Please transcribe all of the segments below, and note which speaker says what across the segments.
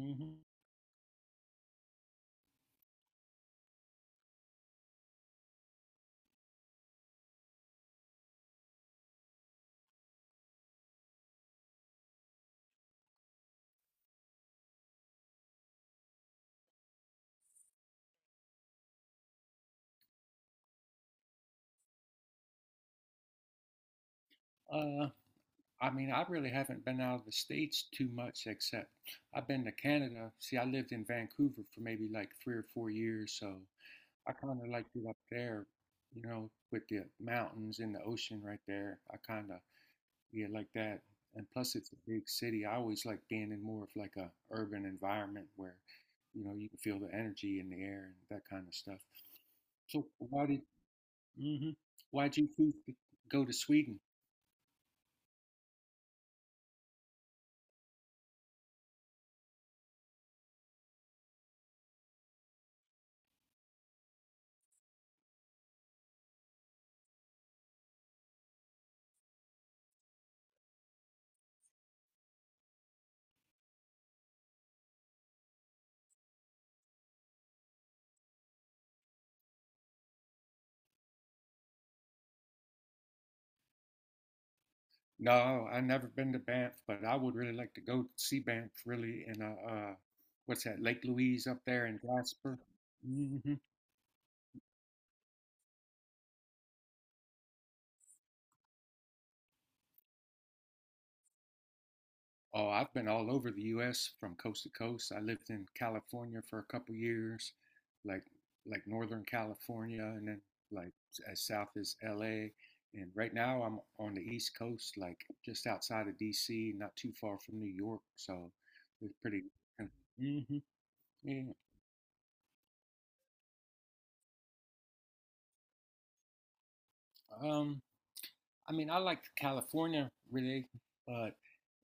Speaker 1: hmm Uh, I mean, I really haven't been out of the States too much, except I've been to Canada. See, I lived in Vancouver for maybe like 3 or 4 years, so I kind of liked it up there, you know, with the mountains and the ocean right there. I kind of, yeah, like that. And plus, it's a big city. I always like being in more of like a urban environment where, you know, you can feel the energy in the air and that kind of stuff. So why did, hmm Why'd you choose to go to Sweden? No, I've never been to Banff, but I would really like to go see Banff really in what's that, Lake Louise up there in Jasper. hmm Oh, I've been all over the US from coast to coast. I lived in California for a couple years, like like Northern California and then like as south as LA. And right now I'm on the East Coast, like just outside of DC, not too far from New York. So it's pretty. hmm yeah. Um, I mean, I like California really, but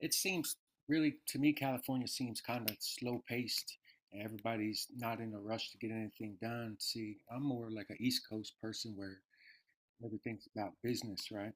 Speaker 1: it seems really to me California seems kind of slow paced. Everybody's not in a rush to get anything done. See, I'm more like an East Coast person where everything's about business, right?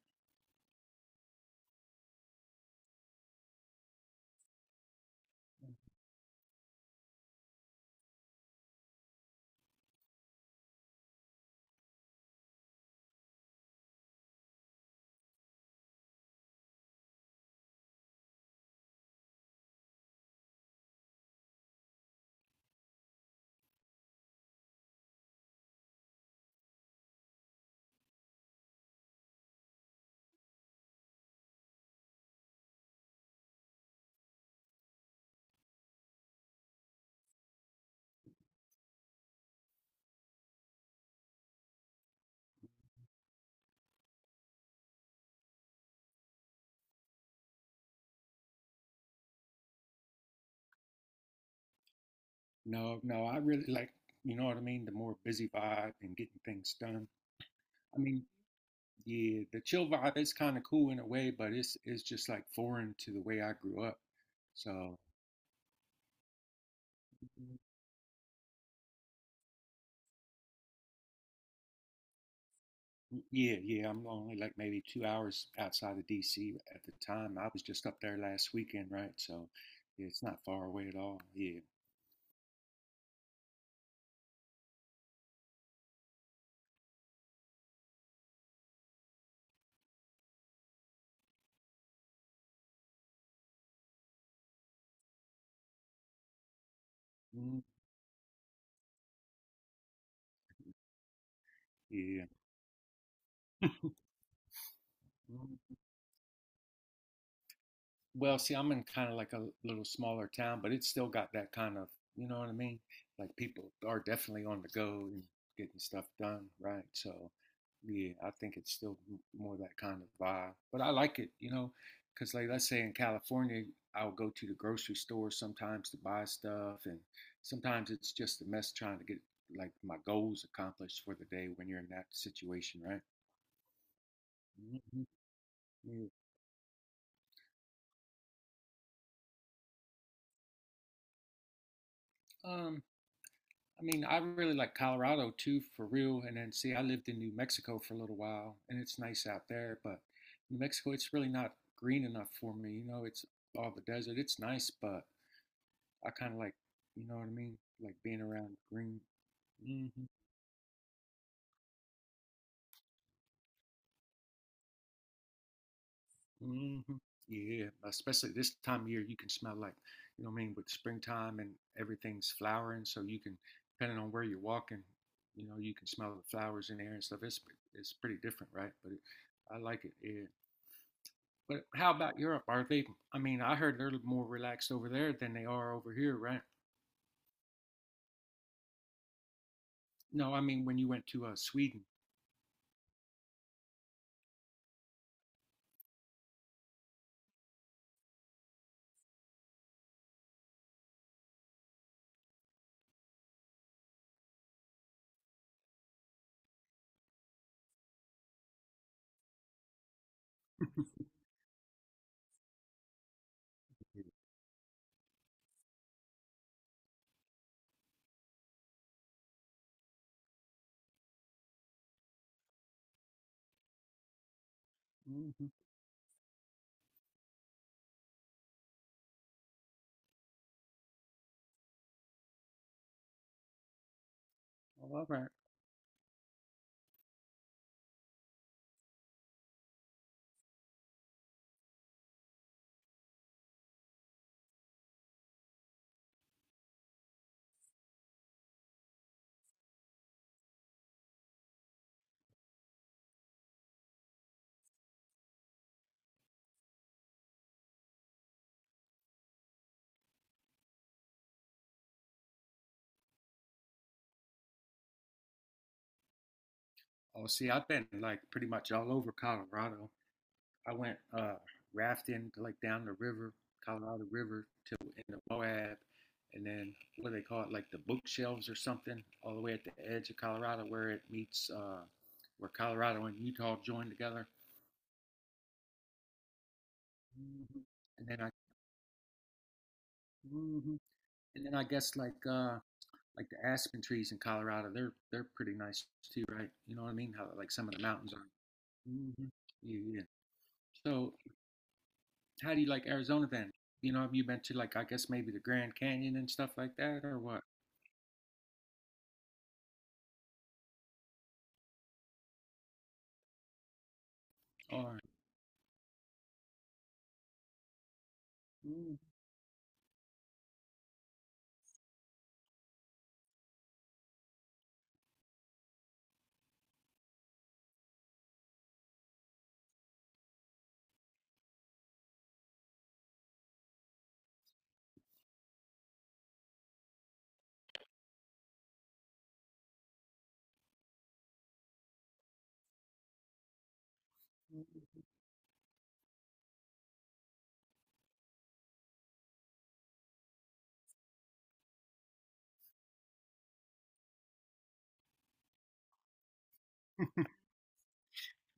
Speaker 1: No, no, I really like, you know what I mean, the more busy vibe and getting things done. I mean, yeah, the chill vibe is kind of cool in a way, but it's just like foreign to the way I grew up. So yeah, yeah. I'm only like maybe 2 hours outside of DC at the time. I was just up there last weekend, right? So yeah, it's not far away at all. Yeah. Mm, yeah. Mm. Well, see, I'm in kind of like a little smaller town, but it's still got that kind of, you know what I mean? Like people are definitely on the go and getting stuff done, right? So, yeah, I think it's still more that kind of vibe. But I like it, you know, because like let's say in California, I'll go to the grocery store sometimes to buy stuff, and sometimes it's just a mess trying to get like my goals accomplished for the day when you're in that situation, right? hmm Um, I mean, I really like Colorado too, for real. And then, see, I lived in New Mexico for a little while, and it's nice out there, but New Mexico, it's really not green enough for me. You know, it's all the desert. It's nice, but I kind of like, you know what I mean? Like being around green. hmm hmm Yeah, especially this time of year, you can smell like, you know what I mean, with springtime and everything's flowering. So you can, depending on where you're walking, you know, you can smell the flowers in the air and stuff. It's pretty different, right? But it, I like it. Yeah. But how about Europe? Are they? I mean, I heard they're more relaxed over there than they are over here, right? No, I mean when you went to Sweden. hmm all right. Oh, see, I've been like pretty much all over Colorado. I went rafting like down the river, Colorado River, to in the Moab, and then what do they call it, like the bookshelves or something, all the way at the edge of Colorado where it meets, where Colorado and Utah join together. Mhm. And then I, Mhm. And then I guess like the aspen trees in Colorado, they're pretty nice too, right? You know what I mean? How like some of the mountains are. hmm Yeah, yeah. So how do you like Arizona then? You know, have you been to like I guess maybe the Grand Canyon and stuff like that, or what? Or mm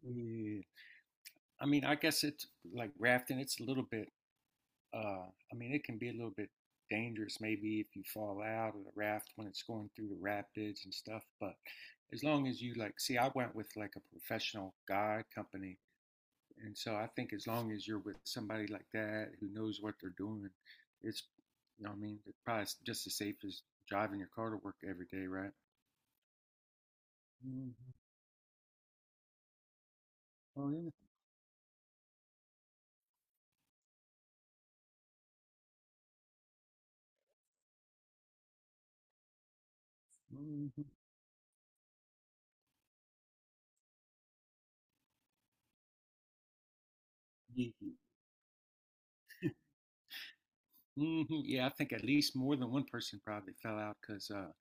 Speaker 1: yeah. I mean, I guess it's like rafting. It's a little bit. Uh, I mean, it can be a little bit dangerous maybe if you fall out of the raft when it's going through the rapids and stuff. But as long as you like, see, I went with like a professional guide company. And so I think as long as you're with somebody like that who knows what they're doing, it's, you know, what I mean, it's probably just as safe as driving your car to work every day, right? hmm Oh yeah. hmm Yeah, I think at least more than one person probably fell out because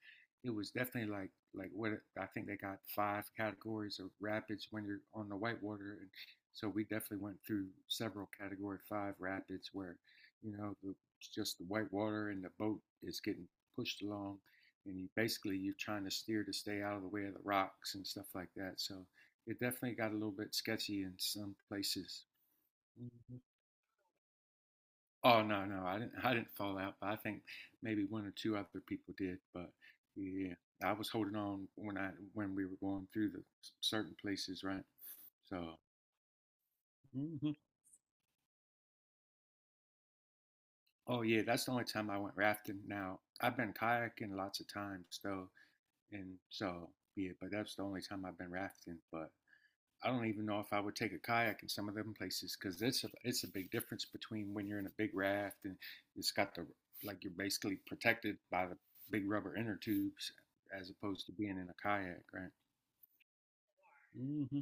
Speaker 1: it was definitely I think they got 5 categories of rapids when you're on the whitewater, and so we definitely went through several category 5 rapids where you know the, just the whitewater and the boat is getting pushed along, and you basically you're trying to steer to stay out of the way of the rocks and stuff like that. So it definitely got a little bit sketchy in some places. Oh no, no, I didn't. I didn't fall out, but I think maybe one or two other people did. But yeah, I was holding on when I when we were going through the certain places, right? So, mhm. Oh yeah, that's the only time I went rafting. Now I've been kayaking lots of times though, and so yeah, but that's the only time I've been rafting. But I don't even know if I would take a kayak in some of them places because it's a big difference between when you're in a big raft and it's got the like you're basically protected by the big rubber inner tubes as opposed to being in a kayak, right? Mm-hmm.